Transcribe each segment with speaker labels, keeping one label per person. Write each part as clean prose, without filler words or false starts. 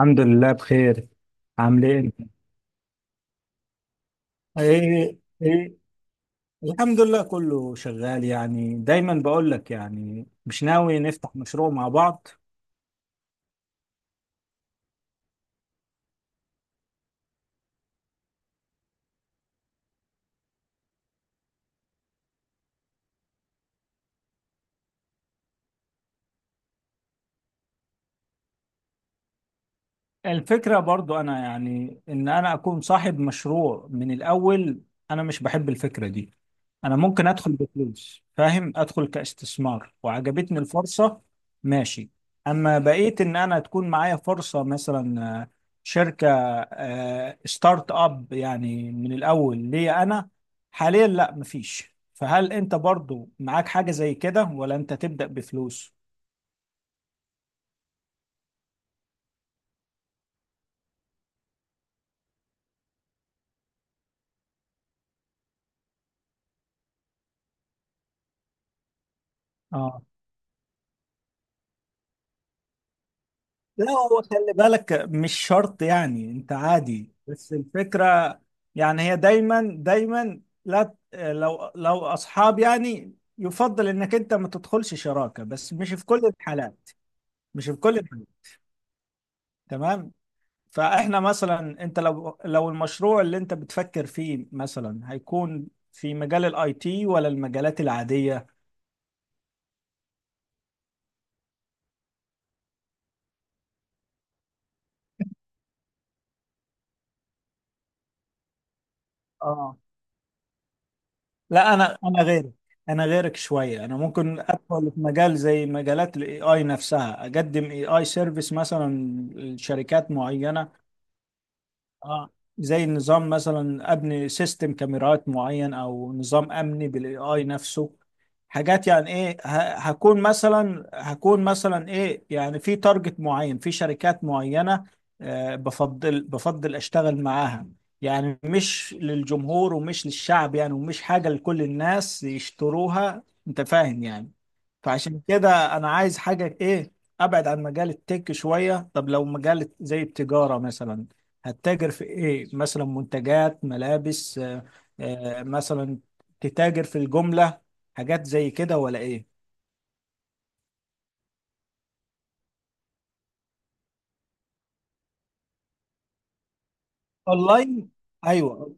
Speaker 1: الحمد لله بخير. عامل ايه انت؟ ايه ايه، الحمد لله كله شغال. يعني دايما بقول لك، يعني مش ناوي نفتح مشروع مع بعض؟ الفكرة برضو انا يعني ان انا اكون صاحب مشروع من الاول. انا مش بحب الفكرة دي. انا ممكن ادخل بفلوس، فاهم، ادخل كاستثمار وعجبتني الفرصة. ماشي. اما بقيت ان انا تكون معايا فرصة مثلا، شركة، ستارت اب يعني من الاول ليا انا. حاليا لا مفيش، فهل انت برضو معاك حاجة زي كده ولا انت تبدأ بفلوس؟ اه. لا، هو خلي بالك مش شرط، يعني انت عادي، بس الفكرة يعني هي دايما دايما، لا لو اصحاب يعني يفضل انك انت ما تدخلش شراكة، بس مش في كل الحالات. مش في كل الحالات، تمام. فاحنا مثلا، انت لو المشروع اللي انت بتفكر فيه مثلا هيكون في مجال الاي تي ولا المجالات العادية؟ اه، لا انا غيرك. انا غيرك شويه. انا ممكن ادخل في مجال زي مجالات الاي اي نفسها، اقدم اي اي سيرفيس مثلا لشركات معينه. اه، زي النظام مثلا، ابني سيستم كاميرات معين او نظام امني بالاي اي نفسه. حاجات يعني ايه، هكون مثلا، ايه يعني، في تارجت معين، في شركات معينة. آه، بفضل اشتغل معاها، يعني مش للجمهور ومش للشعب يعني، ومش حاجة لكل الناس يشتروها. انت فاهم يعني. فعشان كده انا عايز حاجة ايه، ابعد عن مجال التك شوية. طب لو مجال زي التجارة مثلا، هتتاجر في ايه؟ مثلا منتجات ملابس، مثلا تتاجر في الجملة، حاجات زي كده ولا ايه؟ اونلاين، ايوه.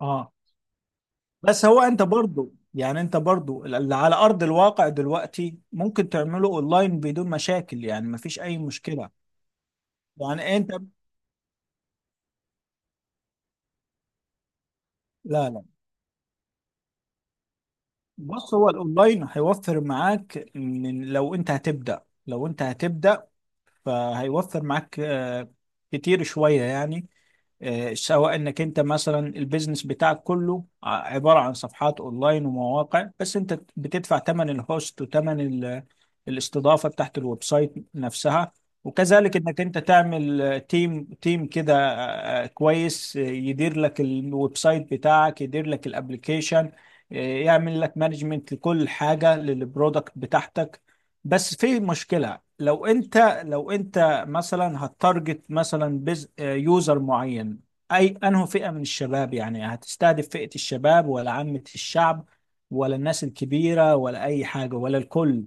Speaker 1: اه، بس هو انت برضو، يعني انت برضو اللي على ارض الواقع دلوقتي ممكن تعمله اونلاين بدون مشاكل، يعني مفيش اي مشكلة. يعني انت، لا لا، بص، هو الاونلاين هيوفر معاك. من لو انت هتبدأ، لو انت هتبدأ فهيوفر معاك كتير شوية يعني. آه، سواء انك انت مثلا البيزنس بتاعك كله عبارة عن صفحات اونلاين ومواقع، بس انت بتدفع ثمن الهوست وثمن الاستضافة بتاعت الويب سايت نفسها. وكذلك انك انت تعمل، تيم تيم كده، كويس، يدير لك الويب سايت بتاعك، يدير لك الابليكيشن، يعمل لك مانجمنت لكل حاجة للبرودكت بتاعتك. بس في مشكلة، لو انت، لو انت مثلا هتارجت مثلا بز... آه، يوزر معين، اي انه فئة من الشباب، يعني هتستهدف فئة الشباب ولا عامة الشعب ولا الناس الكبيرة ولا اي حاجة ولا الكل؟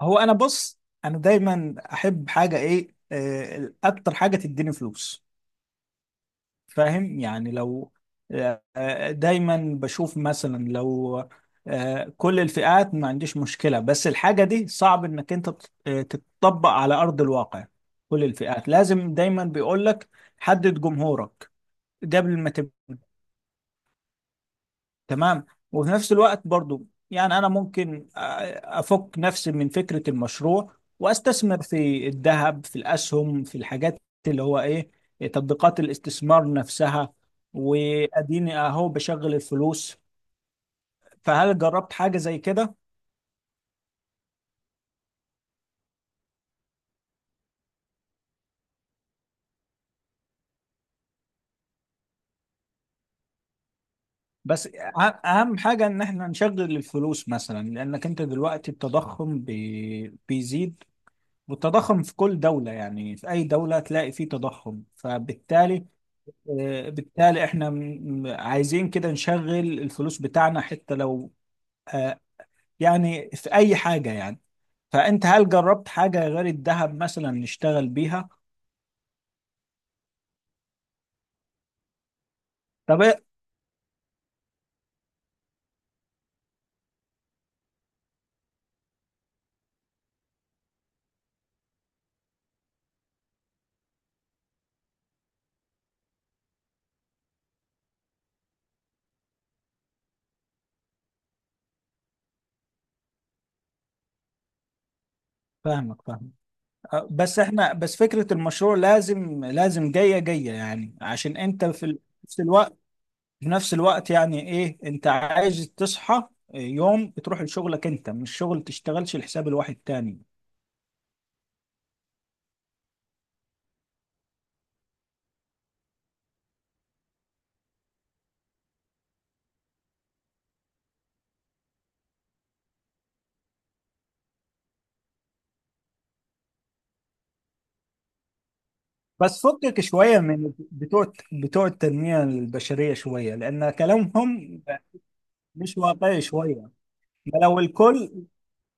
Speaker 1: هو انا بص، انا دايما احب حاجة ايه، اكتر حاجة تديني فلوس، فاهم يعني. لو دايما بشوف مثلا، لو كل الفئات ما عنديش مشكلة، بس الحاجة دي صعب انك انت تتطبق على ارض الواقع. كل الفئات لازم. دايما بيقولك حدد جمهورك قبل ما تبدأ. تمام. وفي نفس الوقت برضو، يعني انا ممكن افك نفسي من فكرة المشروع واستثمر في الذهب، في الاسهم، في الحاجات اللي هو ايه، تطبيقات الاستثمار نفسها، واديني اهو بشغل الفلوس. فهل جربت حاجة زي كده؟ بس اهم حاجة ان احنا نشغل الفلوس، مثلا لانك انت دلوقتي التضخم بيزيد. والتضخم في كل دولة يعني، في اي دولة تلاقي فيه تضخم، فبالتالي، بالتالي احنا عايزين كده نشغل الفلوس بتاعنا، حتى لو آه، يعني في اي حاجة يعني. فانت هل جربت حاجة غير الذهب مثلا نشتغل بيها؟ طب إيه؟ فاهمك فاهمك. بس احنا، بس فكرة المشروع لازم لازم جاية جاية يعني، عشان انت في نفس الوقت. في نفس الوقت يعني ايه؟ انت عايز تصحى يوم بتروح لشغلك، انت مش شغل تشتغلش لحساب الواحد تاني. بس فكك شوية من بتوع التنمية البشرية شوية، لأن كلامهم مش واقعي شوية. لو الكل،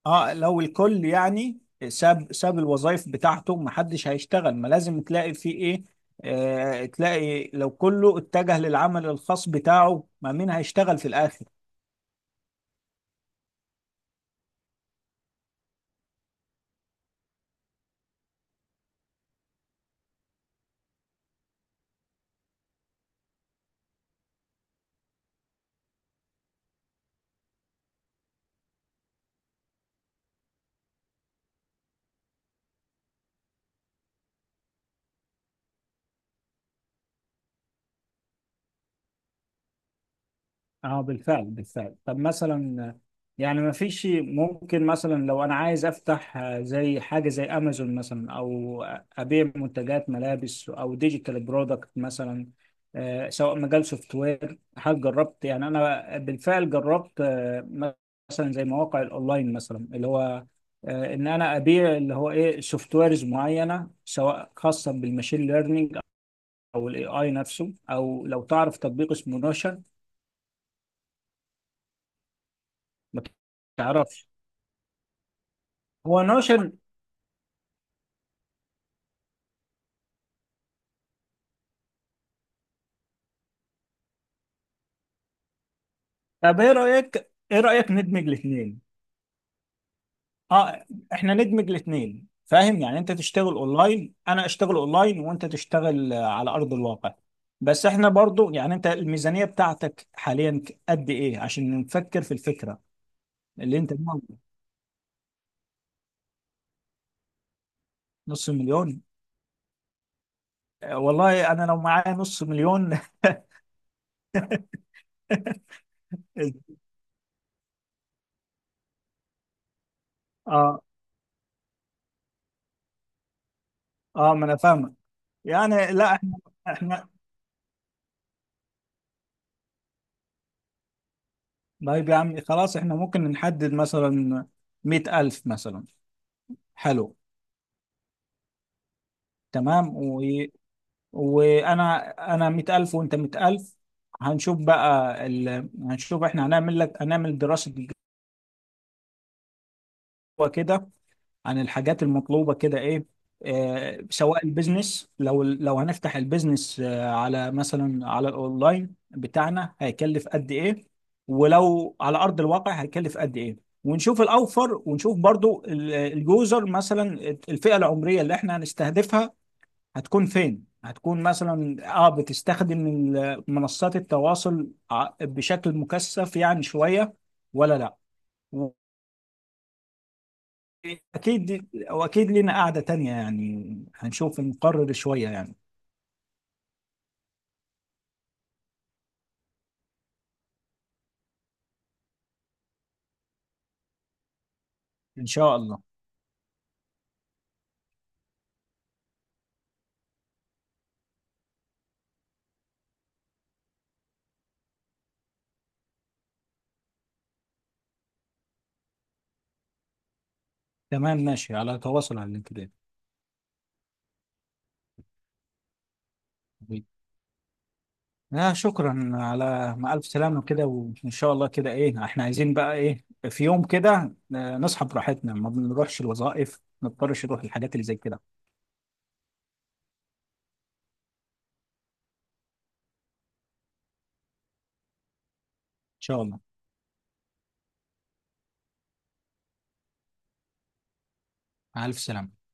Speaker 1: اه، لو الكل يعني ساب الوظائف بتاعته، محدش هيشتغل. ما لازم تلاقي في ايه، آه، تلاقي لو كله اتجه للعمل الخاص بتاعه، ما مين هيشتغل في الآخر؟ اه بالفعل بالفعل. طب مثلا، يعني ما فيش ممكن مثلا لو انا عايز افتح، زي حاجه زي امازون مثلا، او ابيع منتجات ملابس او ديجيتال برودكت مثلا، سواء مجال سوفت وير، هل جربت؟ يعني انا بالفعل جربت، مثلا زي مواقع الاونلاين مثلا، اللي هو ان انا ابيع اللي هو ايه سوفت ويرز معينه، سواء خاصه بالماشين ليرنينج او الاي اي نفسه. او لو تعرف تطبيق اسمه نوشن؟ ما تعرفش. هو نوشن. طب ايه رايك، ندمج الاثنين؟ اه، احنا ندمج الاثنين، فاهم يعني؟ انت تشتغل اونلاين، انا اشتغل اونلاين، وانت تشتغل على ارض الواقع. بس احنا برضو يعني، انت الميزانيه بتاعتك حاليا قد ايه عشان نفكر في الفكره اللي انت قلناها؟ نص مليون؟ والله انا لو معايا نص مليون اه. اه ما انا فاهمك. يعني لا احنا، احنا، طيب يا عم، خلاص احنا ممكن نحدد مثلا 100000 مثلا. حلو، تمام و... وانا انا 100000 وانت 100000. هنشوف بقى هنشوف احنا، هنعمل لك، هنعمل دراسة جدوى كده عن الحاجات المطلوبة كده ايه. آه، سواء البيزنس، لو لو هنفتح البيزنس آه، على مثلا على الاونلاين بتاعنا، هيكلف قد ايه؟ ولو على ارض الواقع هيكلف قد ايه؟ ونشوف الاوفر، ونشوف برضو اليوزر مثلا، الفئة العمرية اللي احنا هنستهدفها هتكون فين؟ هتكون مثلا اه بتستخدم منصات التواصل بشكل مكثف يعني شوية ولا لا؟ واكيد واكيد لنا قعدة تانية يعني، هنشوف نقرر شوية يعني. ان شاء الله. تمام ماشي، على تواصل على اللينكدين. حبيبي. آه شكرا، على مع ألف سلامة كده، وإن شاء الله كده إيه، إحنا عايزين بقى إيه، في يوم كده، نصحى براحتنا، ما بنروحش الوظائف، ما نضطرش نروح الحاجات اللي زي كده. إن شاء الله. مع ألف سلامة.